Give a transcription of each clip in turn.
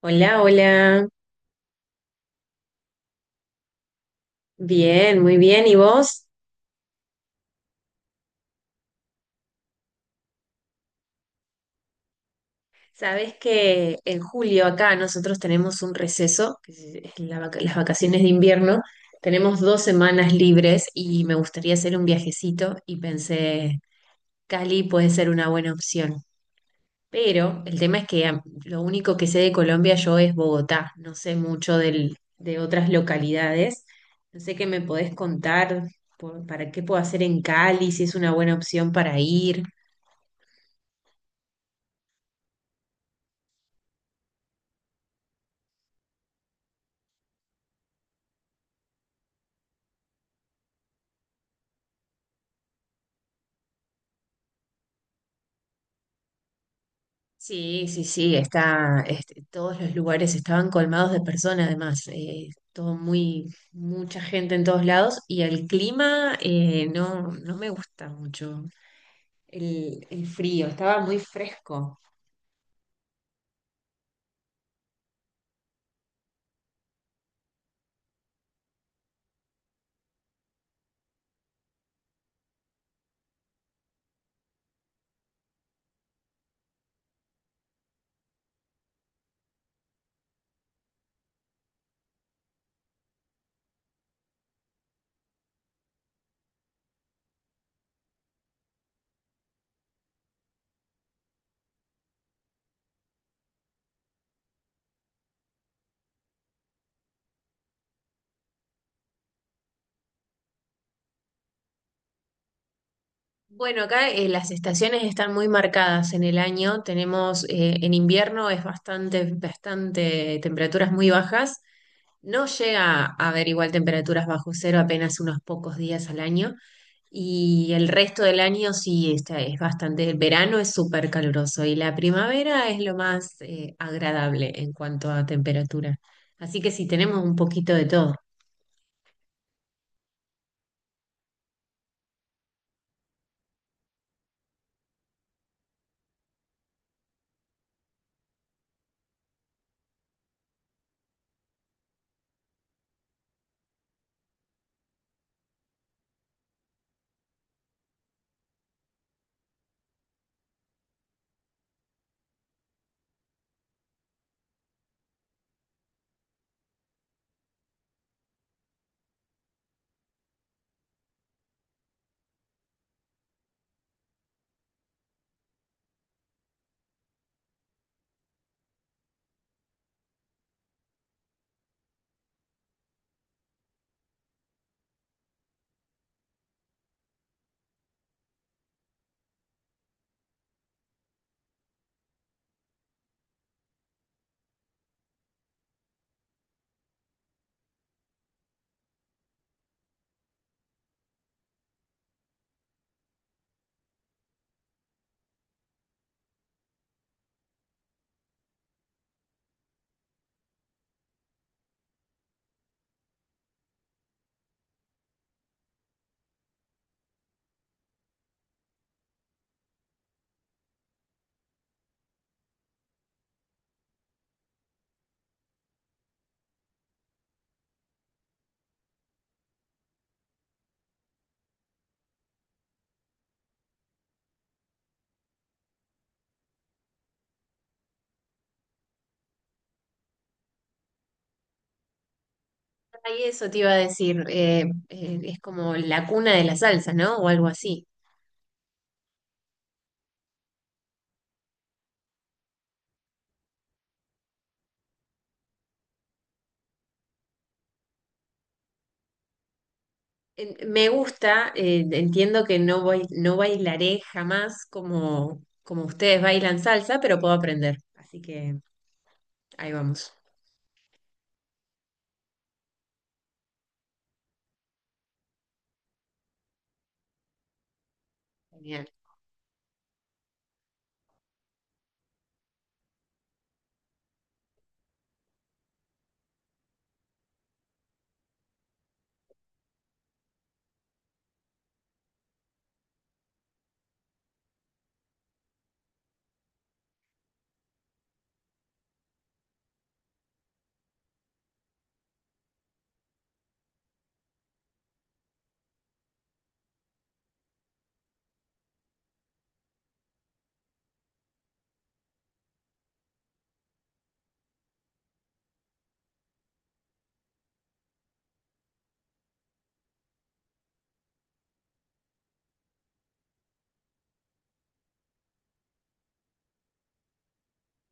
Hola, hola. Bien, muy bien. ¿Y vos? Sabés que en julio acá nosotros tenemos un receso, que es las vacaciones de invierno. Tenemos dos semanas libres y me gustaría hacer un viajecito y pensé, Cali puede ser una buena opción. Pero el tema es que lo único que sé de Colombia yo es Bogotá. No sé mucho de otras localidades. No sé qué me podés contar para qué puedo hacer en Cali, si es una buena opción para ir. Sí, sí, sí, todos los lugares estaban colmados de personas, además, todo mucha gente en todos lados y el clima no, no me gusta mucho el frío, estaba muy fresco. Bueno, acá las estaciones están muy marcadas en el año, tenemos en invierno es bastante temperaturas muy bajas, no llega a haber igual temperaturas bajo cero apenas unos pocos días al año. Y el resto del año sí, es bastante, el verano es súper caluroso y la primavera es lo más agradable en cuanto a temperatura. Así que sí, tenemos un poquito de todo. Y eso te iba a decir, es como la cuna de la salsa, ¿no? O algo así. Me gusta, entiendo que no bailaré jamás como, como ustedes bailan salsa, pero puedo aprender. Así que ahí vamos.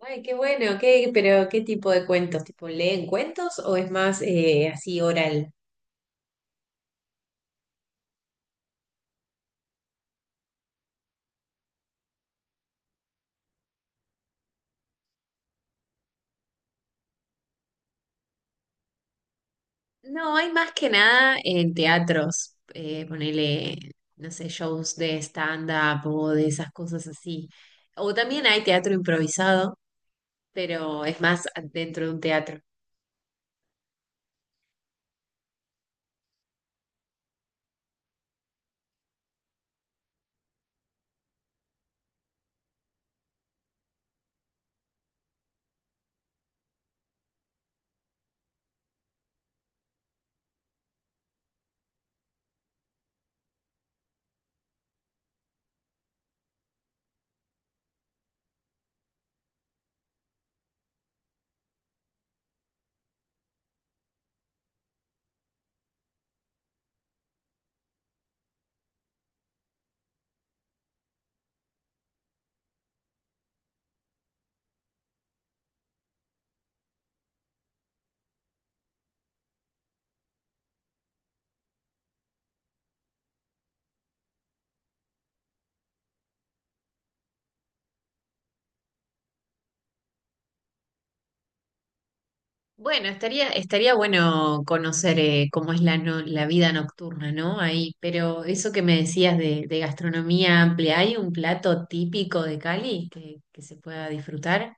Ay, qué bueno, qué, pero ¿qué tipo de cuentos? ¿Tipo leen cuentos o es más así oral? No, hay más que nada en teatros, ponele, no sé, shows de stand-up o de esas cosas así. O también hay teatro improvisado, pero es más dentro de un teatro. Bueno, estaría bueno conocer cómo es la vida nocturna, ¿no? Ahí, pero eso que me decías de gastronomía amplia, ¿hay un plato típico de Cali que se pueda disfrutar?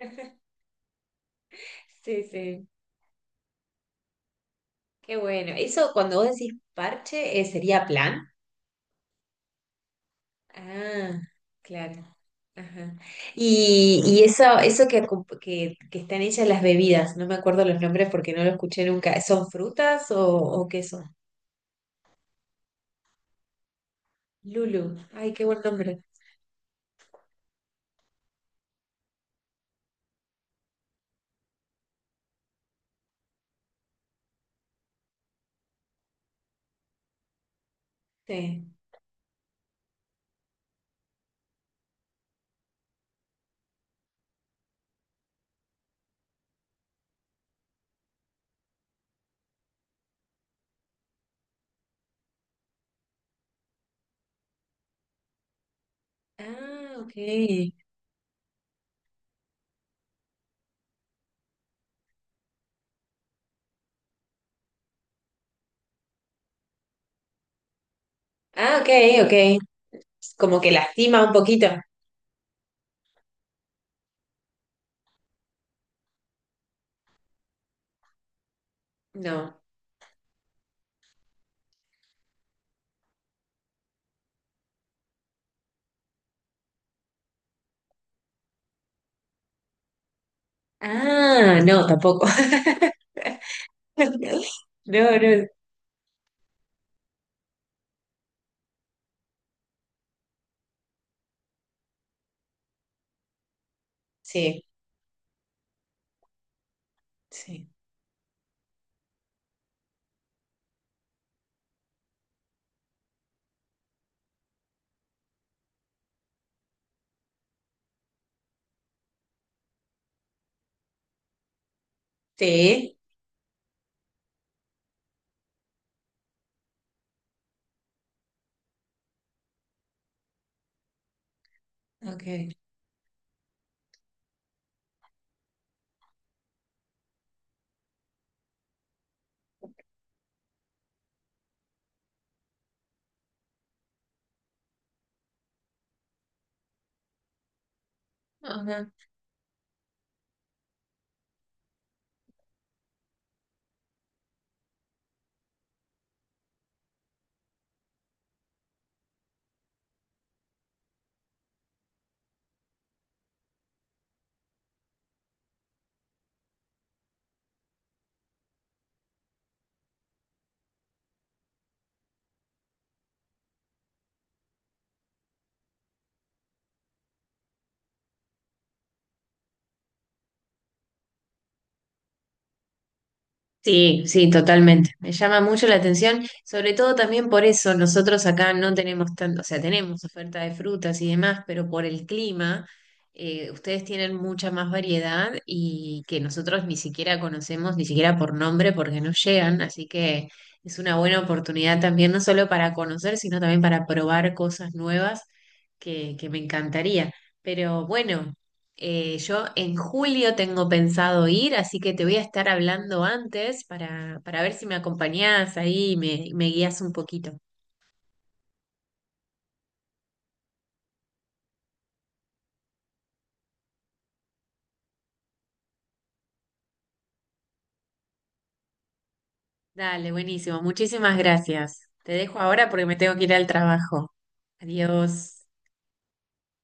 Sí, sí, qué bueno. Eso cuando vos decís parche, ¿eh, sería plan? Ah, claro. Ajá. Y eso, que están hechas las bebidas, no me acuerdo los nombres porque no lo escuché nunca. ¿Son frutas o qué son? Lulu, ay, qué buen nombre. Sí. Ah, ok. Ah, ok, ok. Como que lastima un poquito. No. Ah, no, tampoco. No, no. Sí, sí. Sí. Ok. Ajá. Sí, sí, totalmente. Me llama mucho la atención, sobre todo también por eso nosotros acá no tenemos tanto, o sea, tenemos oferta de frutas y demás, pero por el clima, ustedes tienen mucha más variedad y que nosotros ni siquiera conocemos, ni siquiera por nombre, porque no llegan, así que es una buena oportunidad también, no solo para conocer, sino también para probar cosas nuevas que me encantaría. Pero bueno, yo en julio tengo pensado ir, así que te voy a estar hablando antes para ver si me acompañás ahí y me guías un poquito. Dale, buenísimo. Muchísimas gracias. Te dejo ahora porque me tengo que ir al trabajo. Adiós.